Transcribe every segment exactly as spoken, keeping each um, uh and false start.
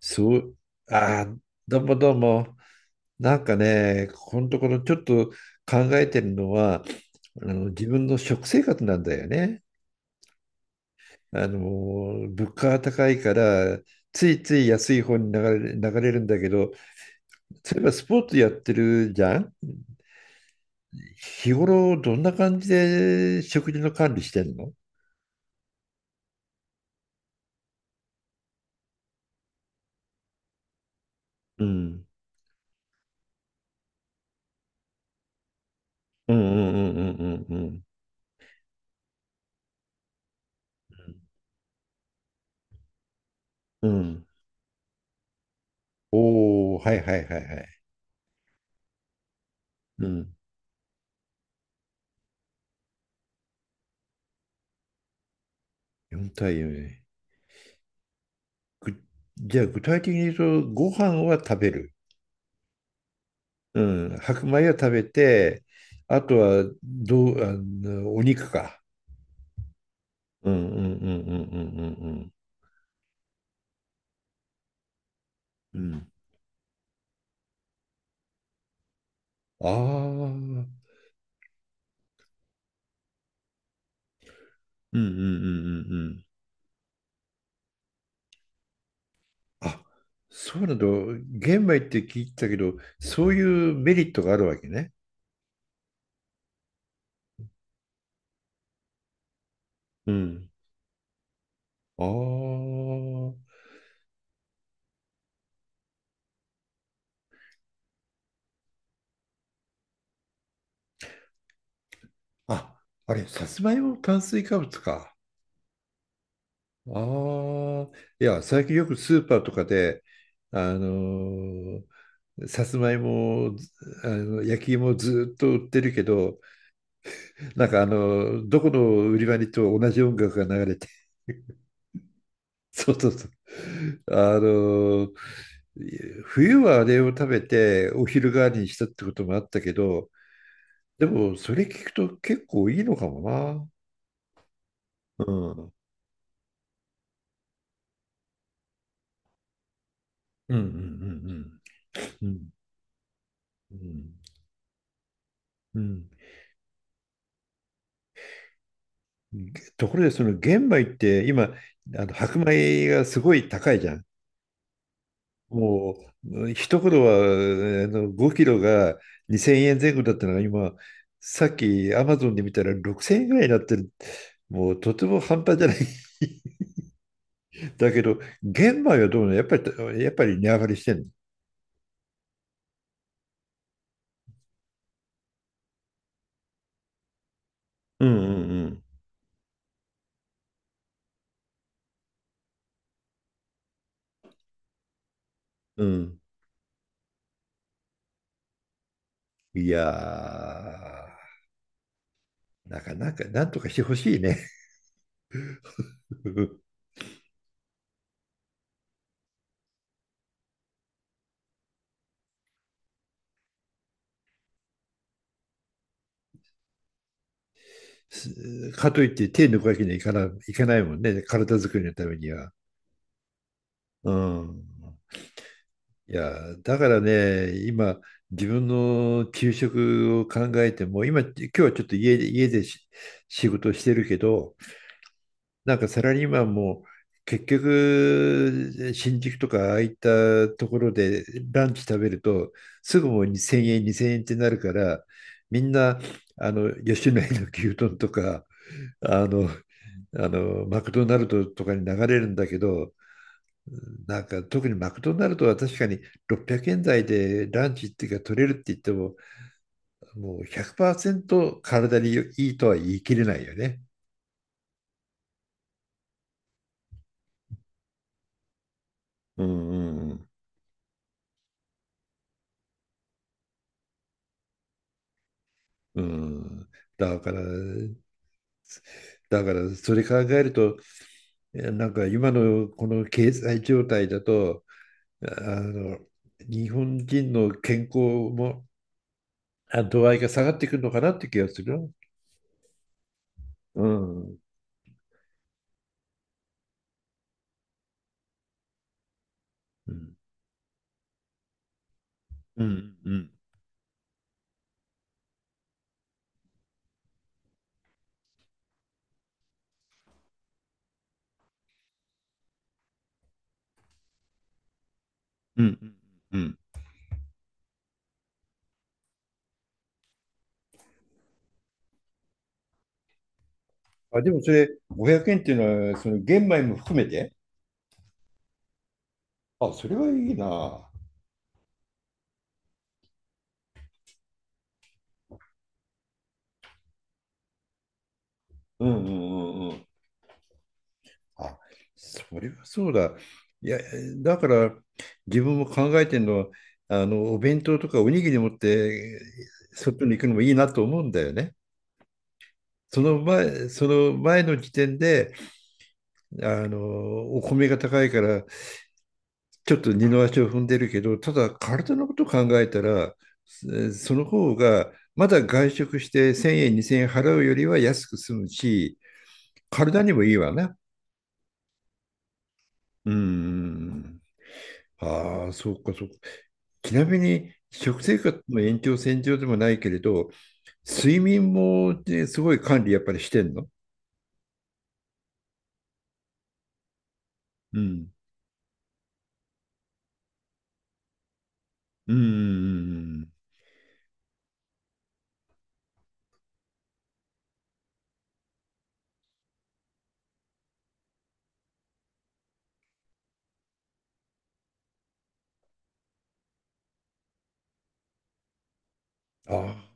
そう、あー、どうもどうも。なんかね、ここのところちょっと考えてるのは、あの自分の食生活なんだよね。あの、物価が高いから、ついつい安い方に流れ、流れるんだけど、そういえばスポーツやってるじゃん。日頃どんな感じで食事の管理してんの？うん。うんうんうんうんうんうん。うん。おお、はいはいはいはい。うん。よん対よん。ぐじゃあ具体的に言うと、ご飯は食べる。うん、白米は食べて、あとはどう、あの、お肉か。うんうんうんうんうんうんうん。うん。ああ、うんうんうんうんうん。あ、そうなんだ。玄米って聞いてたけど、そういうメリットがあるわけね。うん。ああ。あ、あれ、さつまいも炭水化物か。ああ、いや、最近よくスーパーとかで、あのーさつまいも、ずあの焼き芋ずっと売ってるけど、なんかあのーどこの売り場に行っても同じ音楽が流れて、そうそうそう。あのー冬はあれを食べてお昼代わりにしたってこともあったけど、でもそれ聞くと結構いいのかもな。うん。うんうんうんうん。うんうんうん。ところでその玄米って今、あの白米がすごい高いじゃん。もう一頃はあのごキロがにせんえん後だったのが、今さっきアマゾンで見たらろくせんえんぐらいになってる。もうとても半端じゃない。 だけど玄米はどうなの？やっぱりやっぱり値上がりしてんの？うんうんうん。うん。いやー、なかなかなんとかしてほしいね。かといって手抜くわけにはいかない、いかないもんね、体作りのためには。うん。いや、だからね、今、自分の給食を考えても、今、今日はちょっと家で、家でし仕事してるけど、なんかサラリーマンも結局、新宿とかああいったところでランチ食べると、すぐもうにせんえん、に ぜろえんってなるから、みんな、あの、吉野家の牛丼とか、あの、あのマクドナルドとかに流れるんだけど、なんか特にマクドナルドは確かにろっぴゃくえん台でランチっていうか取れるって言っても、もうひゃくパーセント体にいいとは言い切れないよね。うんうんうん。うん。だから、だからそれ考えると、なんか今のこの経済状態だと、あの日本人の健康もあ度合いが下がってくるのかなって気がするよ。うん。うんうん、うん、うん、うん。あ、でもそれ、ごひゃくえんっていうのは、その玄米も含めて？あ、それはいいな。うんうんうんうん。あ、それはそうだ。いや、だから、自分も考えてるのは、あの、お弁当とかおにぎり持って、外に行くのもいいなと思うんだよね。その前、その前の時点で、あの、お米が高いから、ちょっと二の足を踏んでるけど、ただ体のことを考えたら、えその方がまだ外食してせんえん、にせんえん払うよりは安く済むし、体にもいいわね。うん。ああ、そうか、そうか。ちなみに、食生活の延長線上でもないけれど、睡眠も、ね、すごい管理やっぱりしてんの？うん。うん。ああ、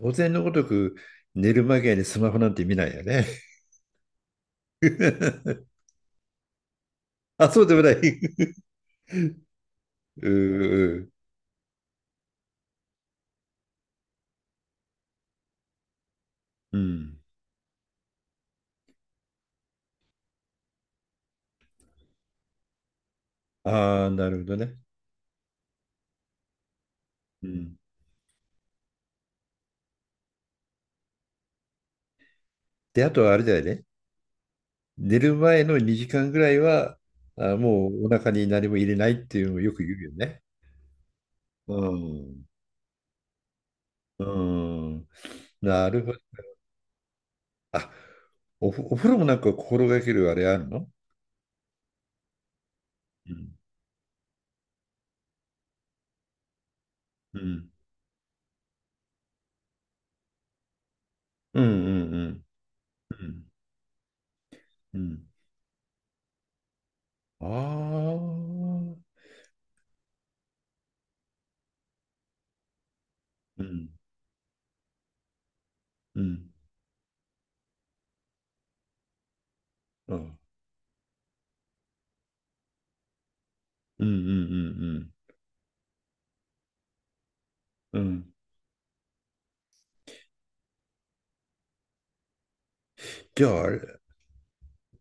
当然のごとく寝る間際にスマホなんて見ないよね。あ、そうでもない。うーううん。ああ、なるほどね。うん。で、あとはあれだよね。寝る前のにじかんぐらいは、あー、もうお腹に何も入れないっていうのをよく言うよね。うん。うーん。なるほど。あ、おふ、お風呂もなんか心がけるあれあるの？うん。うんうんうん。うん。うん。うん。ああ。うん。うん。うん。うん。うん。うん。うん。じゃあ、あれ、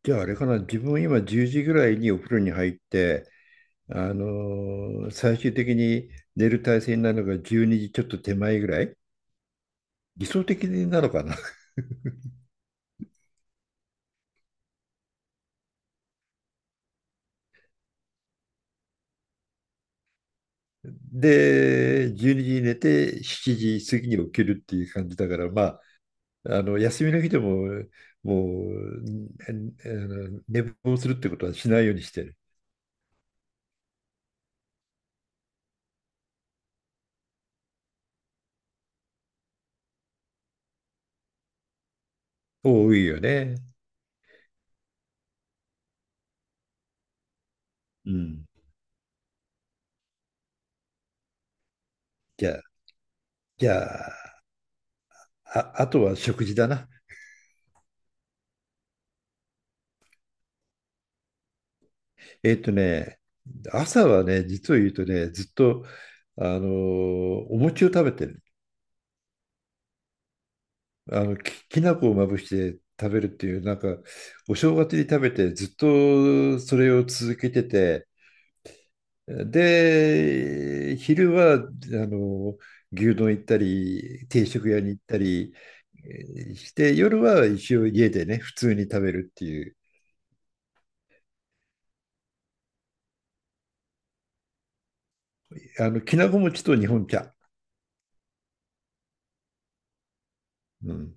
じゃああれかな、自分今じゅうじぐらいにお風呂に入って、あのー最終的に寝る体勢になるのがじゅうにじちょっと手前ぐらい、理想的なのかな。で、じゅうにじにじに寝てしちじ過ぎに起きるっていう感じだから、まあ、あの休みの日でももう、えあの寝坊するってことはしないようにしてる。多いよね。うん。じゃあ、じゃあ、あ、あとは食事だな。えっとね、朝はね、実を言うとね、ずっと、あのお餅を食べてる。あの、き、きな粉をまぶして食べるっていう、なんか、お正月に食べて、ずっとそれを続けてて、で、昼は、あの牛丼行ったり、定食屋に行ったり、えーして、夜は一応家でね、普通に食べるっていう、あの、きなこ餅と日本茶。うん、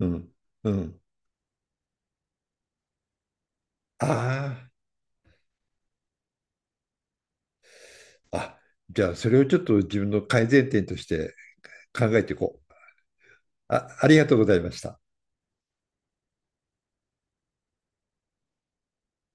うん、うん。ああ。あ、じゃあ、それをちょっと自分の改善点として考えていこう。あ、ありがとうございました。